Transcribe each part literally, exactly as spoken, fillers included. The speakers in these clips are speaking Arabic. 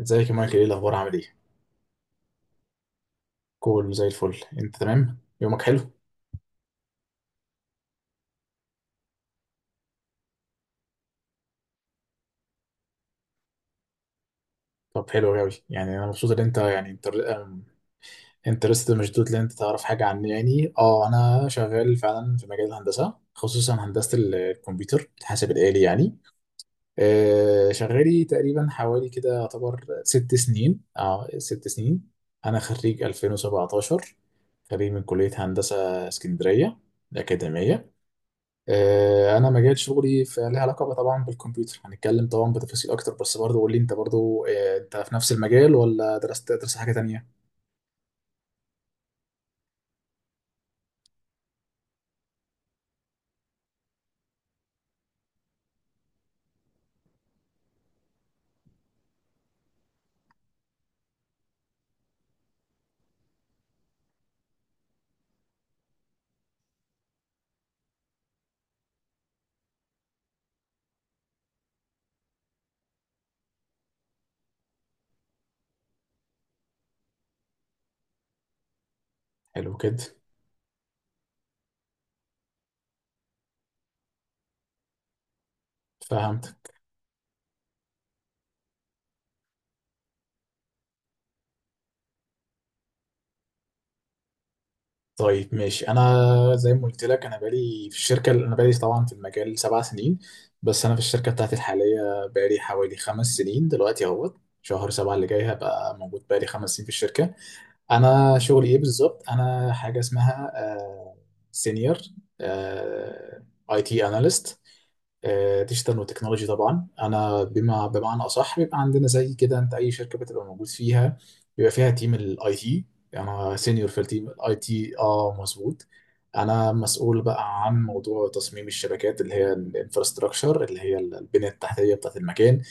ازيك يا مايكل؟ ايه الاخبار عامل ايه؟ كول زي الفل. انت تمام؟ يومك حلو؟ طب حلو قوي، يعني انا مبسوط ان انت يعني انت انترست مشدود ان انت تعرف حاجه عني. يعني اه انا شغال فعلا في مجال الهندسه، خصوصا هندسه ال- الكمبيوتر، الحاسب الالي يعني. آه شغالي تقريبا حوالي كده يعتبر ست سنين، اه ست سنين. انا خريج ألفين وسبعة عشر، خريج من كليه هندسه اسكندريه الاكاديميه. آه، انا مجال شغلي فليها علاقه بقى طبعا بالكمبيوتر. هنتكلم طبعا بتفاصيل اكتر، بس برضه قول لي انت برضه، آه، انت في نفس المجال ولا درست درست حاجه تانية؟ حلو كده. فهمت. طيب ماشي. انا زي ما قلت لك، انا بقالي في الشركه، انا بقالي طبعا في المجال سبع سنين، بس انا في الشركه بتاعتي الحاليه بقالي حوالي خمس سنين دلوقتي. اهوت شهر سبعة اللي جاي هبقى موجود بقالي خمس سنين في الشركه. انا شغلي ايه بالظبط؟ انا حاجه اسمها سينيور اي تي اناليست، آه، ديجيتال وتكنولوجي. طبعا انا بما بمعنى اصح، بيبقى عندنا زي كده، انت اي شركه بتبقى موجود فيها بيبقى فيها تيم الاي تي. انا سينيور في التيم الاي تي، اه مظبوط. انا مسؤول بقى عن موضوع تصميم الشبكات اللي هي الانفراستراكشر، اللي هي البنيه التحتيه بتاعت المكان،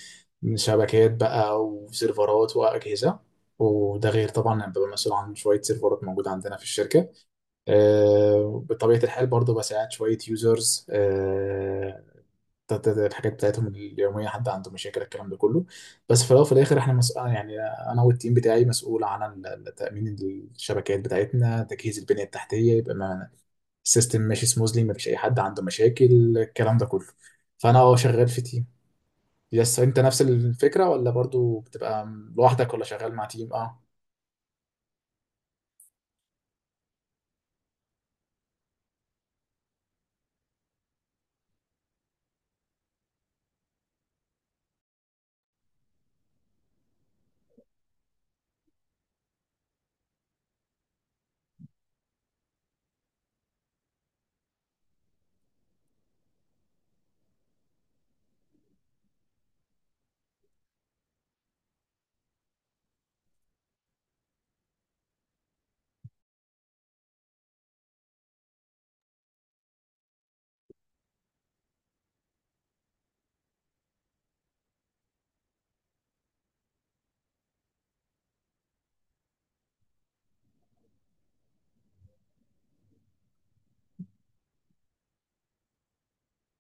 من شبكات بقى وسيرفرات واجهزه. وده غير طبعا أنا ببقى مسؤول عن شويه سيرفرات موجوده عندنا في الشركه. آه، بطبيعه الحال برضو بساعد شويه يوزرز ت- ت- الحاجات بتاعتهم اليوميه، حد عنده مشاكل، الكلام ده كله. بس في الاول وفي الاخر احنا مس... آه يعني انا والتيم بتاعي مسؤول عن ال- ال- تامين الشبكات بتاعتنا، تجهيز البنيه التحتيه، يبقى ما السيستم ماشي سموزلي، ما فيش اي حد عنده مشاكل، الكلام ده كله. فانا اه شغال في تيم. يس انت نفس الفكره ولا برضو بتبقى لوحدك ولا شغال مع تيم؟ اه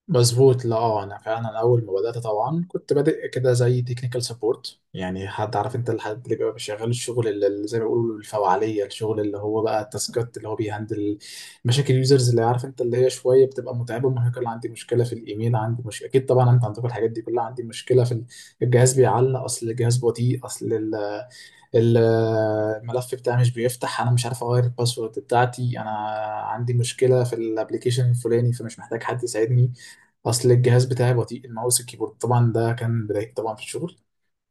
مظبوط. لا اه انا فعلا اول ما بدات طبعا كنت بادئ كده زي تكنيكال سبورت. يعني حد عارف انت الحد اللي بيبقى شغال الشغل اللي اللي زي ما بيقولوا الفوعليه، الشغل اللي هو بقى التاسكات اللي هو بيهندل مشاكل اليوزرز، اللي عارف انت اللي هي شويه بتبقى متعبه ومرهقه. اللي عندي مشكله في الايميل، عندي مش اكيد طبعا انت عندك الحاجات دي كلها، عندي مشكله في الجهاز بيعلق، اصل الجهاز بطيء، اصل ال- الملف بتاعي مش بيفتح، انا مش عارف اغير الباسورد بتاعتي، انا عندي مشكله في الابليكيشن الفلاني، فمش محتاج حد يساعدني، اصل الجهاز بتاعي بطيء، الماوس، الكيبورد. طبعا ده كان بداية طبعا في الشغل.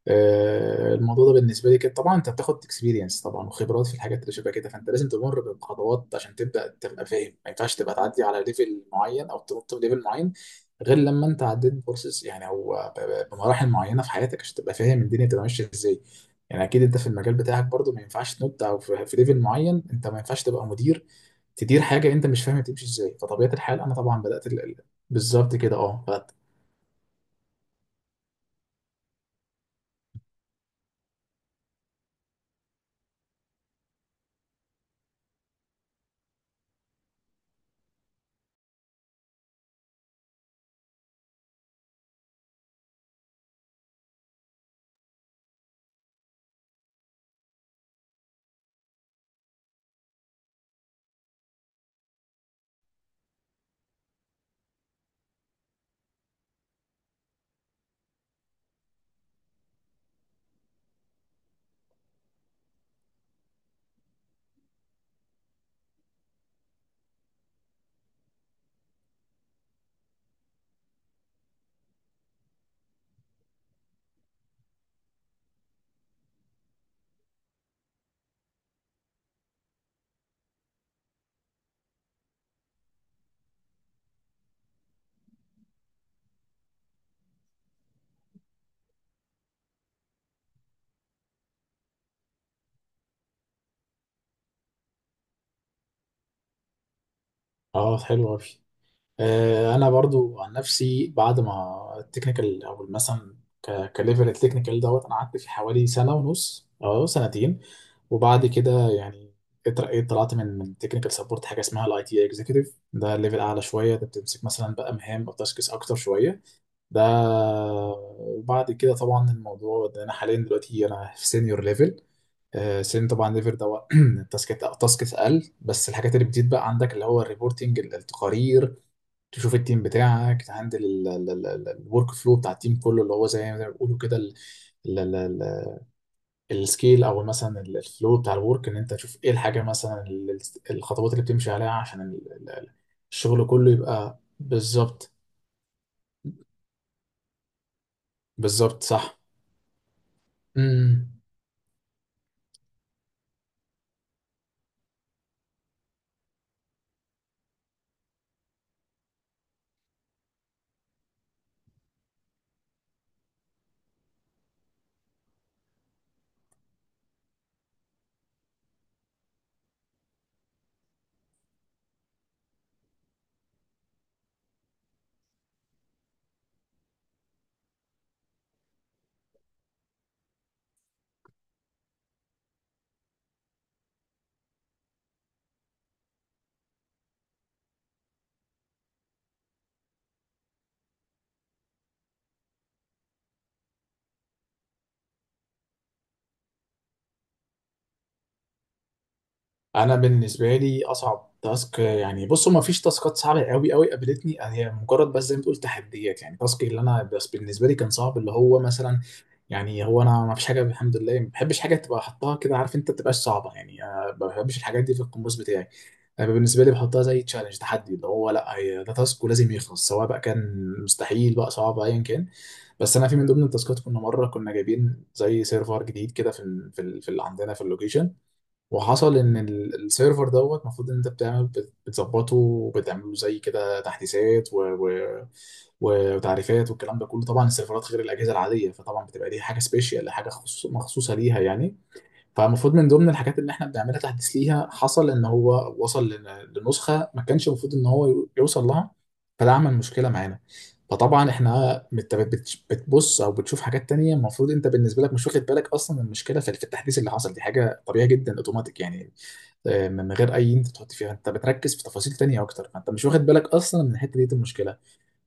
آه، الموضوع ده بالنسبه لي كده، طبعا انت بتاخد اكسبيرينس طبعا وخبرات في الحاجات اللي شبه كده، فانت لازم تمر بخطوات عشان تبدا تبقى فاهم. ما ينفعش تبقى تعدي على ليفل معين او تنط في ليفل معين غير لما انت عديت بورسز يعني او ب- ب- بمراحل معينه في حياتك عشان تبقى فاهم الدنيا بتبقى ماشيه ازاي. يعني اكيد انت في المجال بتاعك برضو ما ينفعش تنط او في في ليفل معين انت ما ينفعش تبقى مدير تدير حاجه انت مش فاهم تمشي ازاي. فطبيعه الحال انا طبعا بدات ال- ال- بالظبط كده، اه بدأت. اه حلو قوي. آه، انا برضو عن نفسي بعد ما التكنيكال او مثلا ك- كليفل التكنيكال دوت انا قعدت فيه حوالي سنة ونص او سنتين، وبعد كده يعني اترقيت، طلعت من من تكنيكال سبورت حاجه اسمها الاي تي اكزيكتيف. ده ليفل اعلى شويه، ده بتمسك مثلا بقى مهام او تاسكس اكتر شويه ده. وبعد كده طبعا الموضوع ده انا حاليا دلوقتي انا في سينيور ليفل. سين طبعا ليفل ده التاسكات، تاسكس اقل، بس الحاجات اللي بتزيد بقى عندك اللي هو الريبورتنج، التقارير، تشوف التيم بتاعك، تهندل الورك فلو بتاع التيم كله اللي هو زي ما بيقولوا كده ال- ال- ال- ال- السكيل او مثلا ال- الفلو بتاع الورك، ان انت تشوف ايه الحاجه، مثلا ال- ال- الخطوات اللي بتمشي عليها عشان ال- ال- ال- الشغل كله يبقى بالظبط. بالظبط صح. امم انا بالنسبه لي اصعب تاسك، يعني بصوا ما فيش تاسكات صعبه قوي قوي قابلتني، هي مجرد بس زي ما تقول تحديات. يعني تاسك اللي انا بس بالنسبه لي كان صعب اللي هو مثلا، يعني هو انا ما فيش حاجه، الحمد لله ما بحبش حاجه تبقى حطها كده عارف انت ما تبقاش صعبه. يعني أنا ما بحبش الحاجات دي في القماش بتاعي. انا بالنسبه لي بحطها زي تشالنج، تحدي، اللي هو لا هي ده تاسك ولازم يخلص سواء بقى كان مستحيل بقى صعب ايا كان. بس انا في من ضمن التاسكات كنا مره كنا جايبين زي سيرفر جديد كده في ال- في ال- في اللي عندنا في اللوكيشن. وحصل ان ال- السيرفر دوت المفروض ان انت بتعمل، بت- بتظبطه، وبتعمله زي كده تحديثات و... و... و- وتعريفات والكلام ده كله. طبعا السيرفرات غير الاجهزه العاديه، فطبعا بتبقى دي حاجه سبيشال، حاجه خصوص... مخصوصه ليها يعني. فالمفروض من ضمن الحاجات اللي احنا بنعملها تحديث ليها، حصل ان هو وصل لن- لنسخه ما كانش المفروض ان هو يو- يوصل لها، فده عمل مشكله معانا. فطبعا احنا بت- بت- بتبص او بتشوف حاجات تانية، المفروض انت بالنسبه لك مش واخد بالك اصلا من المشكله في في التحديث اللي حصل دي، حاجه طبيعيه جدا اوتوماتيك يعني، آه، من غير اي انت تحط فيها. انت بتركز في تفاصيل تانية اكتر، فانت مش واخد بالك اصلا من الحته دي، دي المشكله.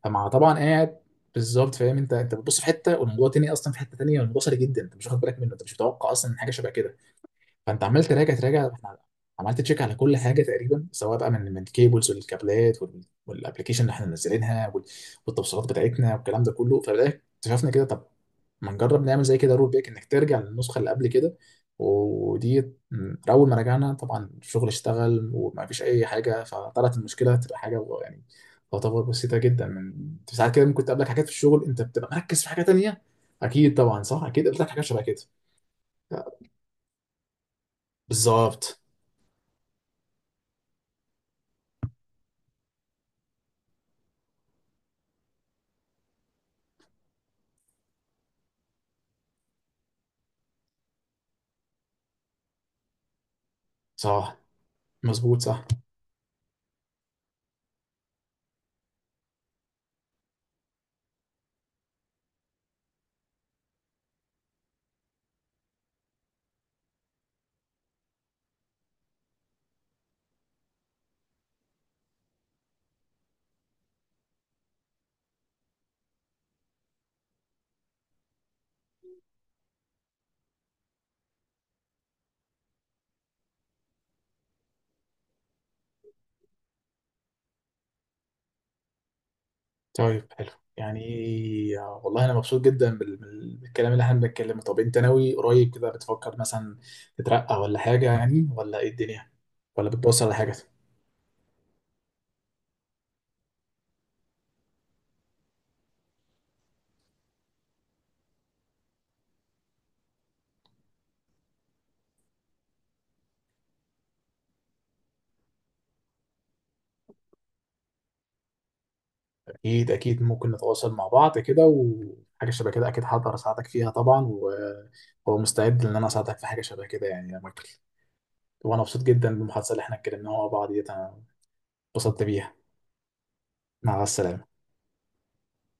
فمع طبعا قاعد بالظبط. فاهم انت، انت بتبص في حته والموضوع تاني اصلا في حته تانية، والموضوع سريع جدا، انت مش واخد بالك منه، انت مش متوقع اصلا من حاجه شبه كده. فانت عمال تراجع تراجع. احنا عملت تشيك على كل حاجه تقريبا، سواء بقى من من الكيبلز والكابلات وال- والابلكيشن اللي احنا منزلينها وال- والتوصيلات بتاعتنا والكلام ده كله. فبدأ اكتشفنا كده، طب ما نجرب نعمل زي كده رول باك، انك ترجع للنسخه اللي قبل كده. ودي م، اول ما رجعنا طبعا الشغل اشتغل وما فيش اي حاجه. فطلعت المشكله تبقى حاجه يعني تعتبر بسيطه جدا. من ساعات كده ممكن تقابلك حاجات في الشغل انت بتبقى مركز في حاجه تانيه. اكيد طبعا، صح، اكيد قابلتك حاجات شبه كده. بالظبط صح. مظبوط صح. طيب حلو. يعني والله انا مبسوط جدا بال- بال- بالكلام اللي احنا بنتكلمه. طب انت ناوي قريب كده بتفكر مثلا تترقى ولا حاجه، يعني ولا ايه الدنيا؟ ولا بتبص على حاجه؟ اكيد اكيد ممكن نتواصل مع بعض كده وحاجه شبه كده. اكيد هقدر اساعدك فيها طبعا، ومستعد ان انا اساعدك في حاجه شبه كده يعني يا مايكل. وانا مبسوط جدا بالمحادثه اللي احنا اتكلمناها مع بعض ديت. انا اتبسطت بيها. مع السلامه.